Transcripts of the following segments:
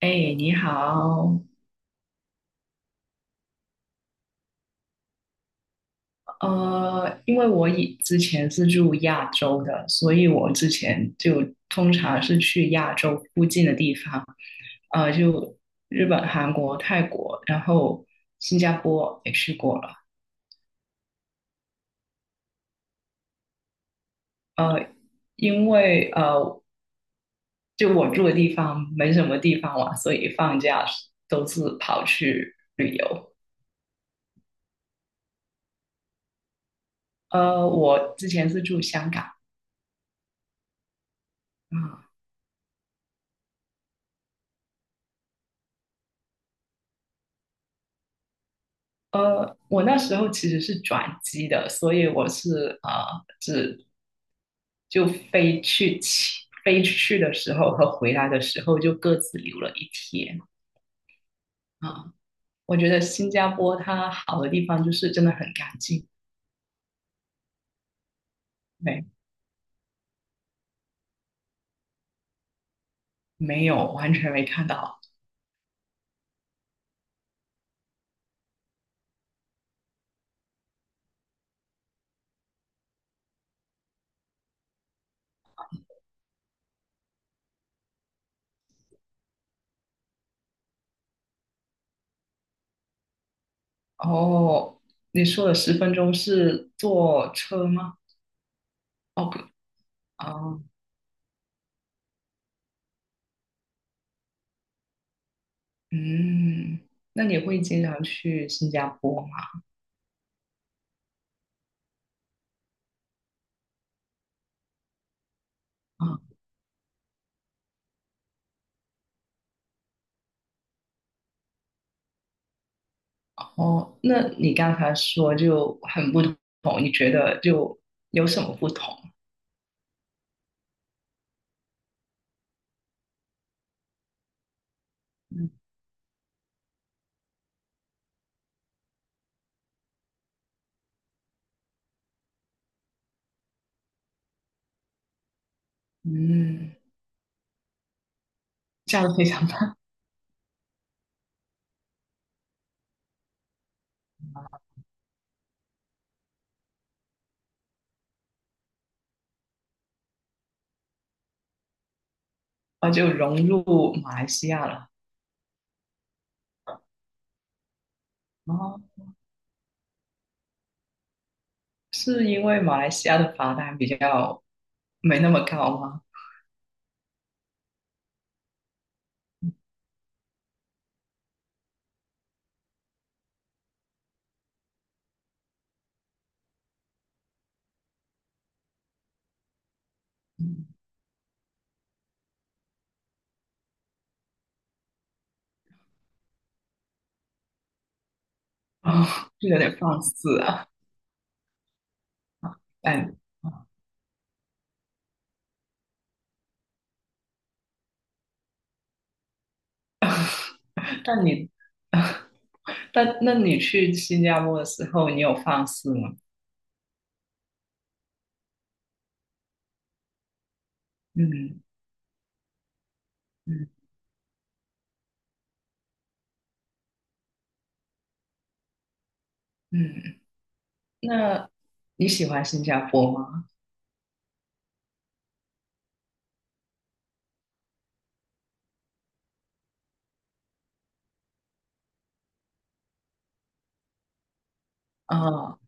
哎，你好，因为我以之前是住亚洲的，所以我之前就通常是去亚洲附近的地方，就日本、韩国、泰国，然后新加坡也去过了，呃，因为呃，就我住的地方没什么地方玩，所以放假都是跑去旅游。我之前是住香港，啊。我那时候其实是转机的，所以我是只就飞去起飞去的时候和回来的时候就各自留了一天啊、我觉得新加坡它好的地方就是真的很干净，没没有完全没看到。哦，你说的十分钟是坐车吗？哦不，哦，嗯，那你会经常去新加坡吗？啊。哦，那你刚才说就很不同，你觉得就有什么不同？嗯，嗯这样非常棒，那就融入马来西亚了。哦，是因为马来西亚的罚单比较没那么高吗？嗯，哦，就有点放肆啊。但但你，但那你去新加坡的时候，你有放肆吗？嗯嗯嗯，那你喜欢新加坡吗？啊、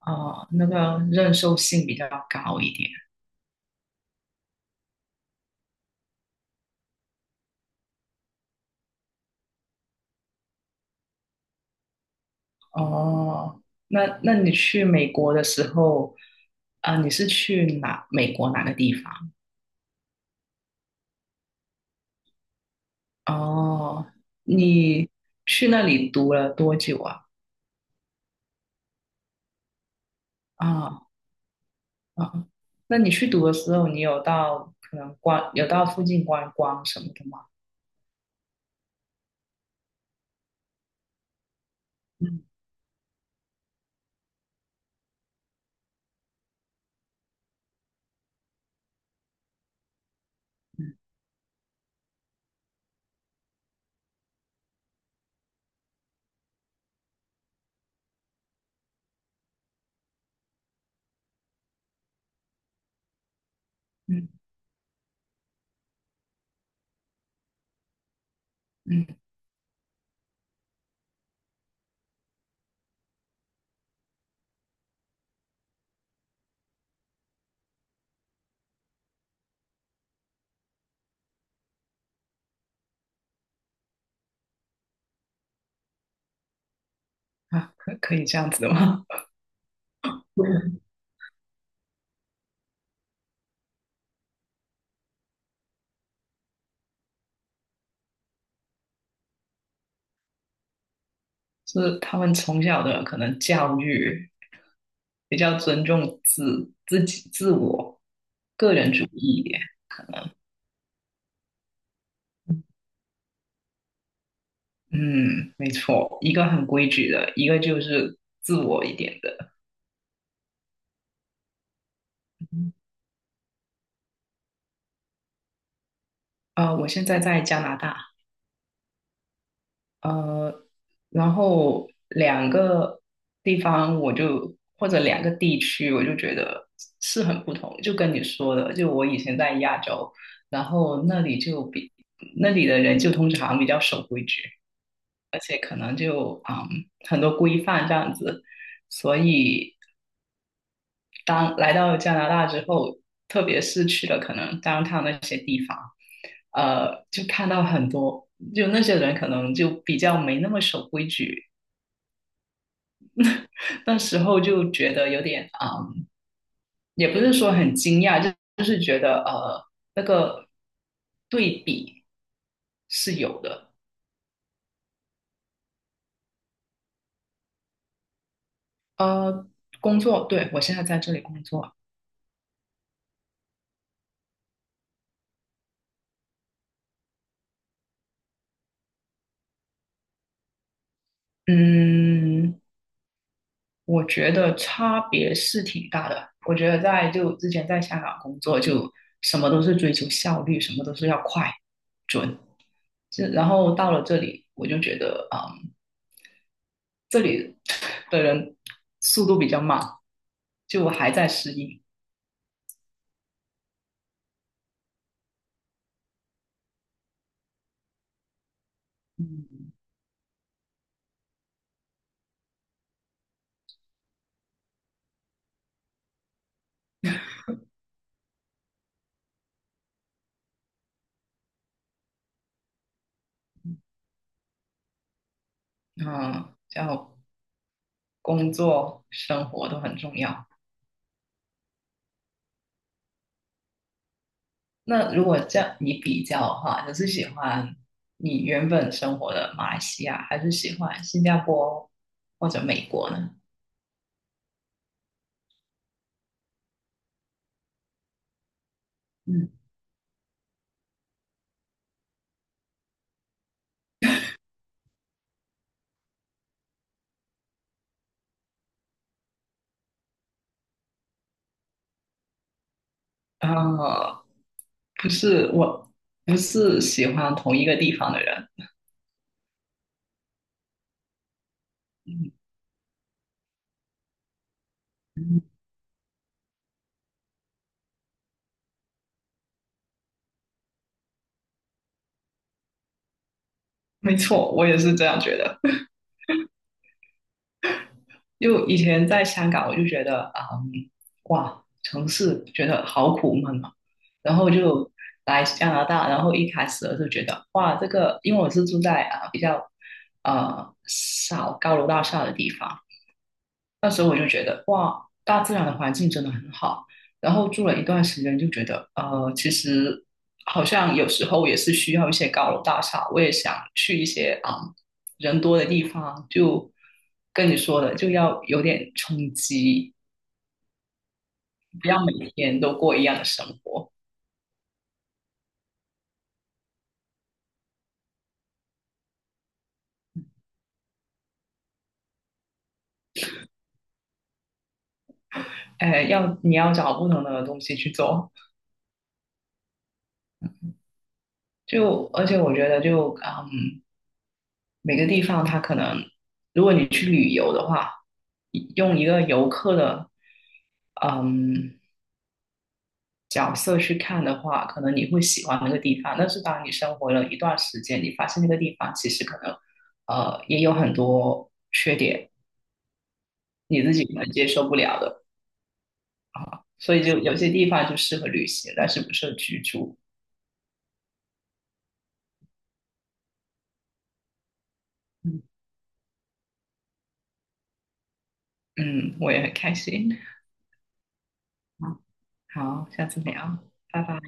哦，那个认受性比较高一点。哦，那你去美国的时候，啊、你是去哪？美国哪个地方？哦，你去那里读了多久啊？啊、啊、那你去读的时候，你有到可能观，有到附近观光什么的吗？嗯嗯嗯嗯，啊，可以这样子的吗？就是他们从小的可能教育比较尊重自己、自我、个人主义一点。嗯，没错，一个很规矩的，一个就是自我一点的。啊，我现在在加拿大。呃，然后两个地方我就或者两个地区，我就觉得是很不同。就跟你说的，就我以前在亚洲，然后那里就比那里的人就通常比较守规矩，而且可能就很多规范这样子，所以当来到加拿大之后，特别是去了可能 downtown 那些地方，就看到很多，就那些人可能就比较没那么守规矩，那时候就觉得有点也不是说很惊讶，就就是觉得那个对比是有的。呃，工作，对，我现在在这里工作，嗯，我觉得差别是挺大的。我觉得在就之前在香港工作，就什么都是追求效率，什么都是要快准。这然后到了这里，我就觉得，嗯，这里的人速度比较慢，就我还在适应。嗯，嗯，叫工作生活都很重要。那如果这样你比较的话，你是喜欢你原本生活的马来西亚，还是喜欢新加坡或者美国呢？嗯，啊，不是我，不是喜欢同一个地方的人。嗯，嗯,没错，我也是这样觉得。就以前在香港，我就觉得，嗯，哇，城市觉得好苦闷啊。然后就来加拿大，然后一开始我就觉得，哇，这个，因为我是住在啊、比较少高楼大厦的地方，那时候我就觉得，哇，大自然的环境真的很好。然后住了一段时间，就觉得，其实好像有时候也是需要一些高楼大厦。我也想去一些人多的地方，就跟你说的，就要有点冲击，不要每天都过一样的生活。哎，要你要找不同的东西去做。就而且我觉得每个地方它可能，如果你去旅游的话，用一个游客的嗯角色去看的话，可能你会喜欢那个地方。但是当你生活了一段时间，你发现那个地方其实可能也有很多缺点，你自己可能接受不了的。所以就有些地方就适合旅行，但是不适合居住。嗯，嗯，我也很开心。好，下次聊，拜拜。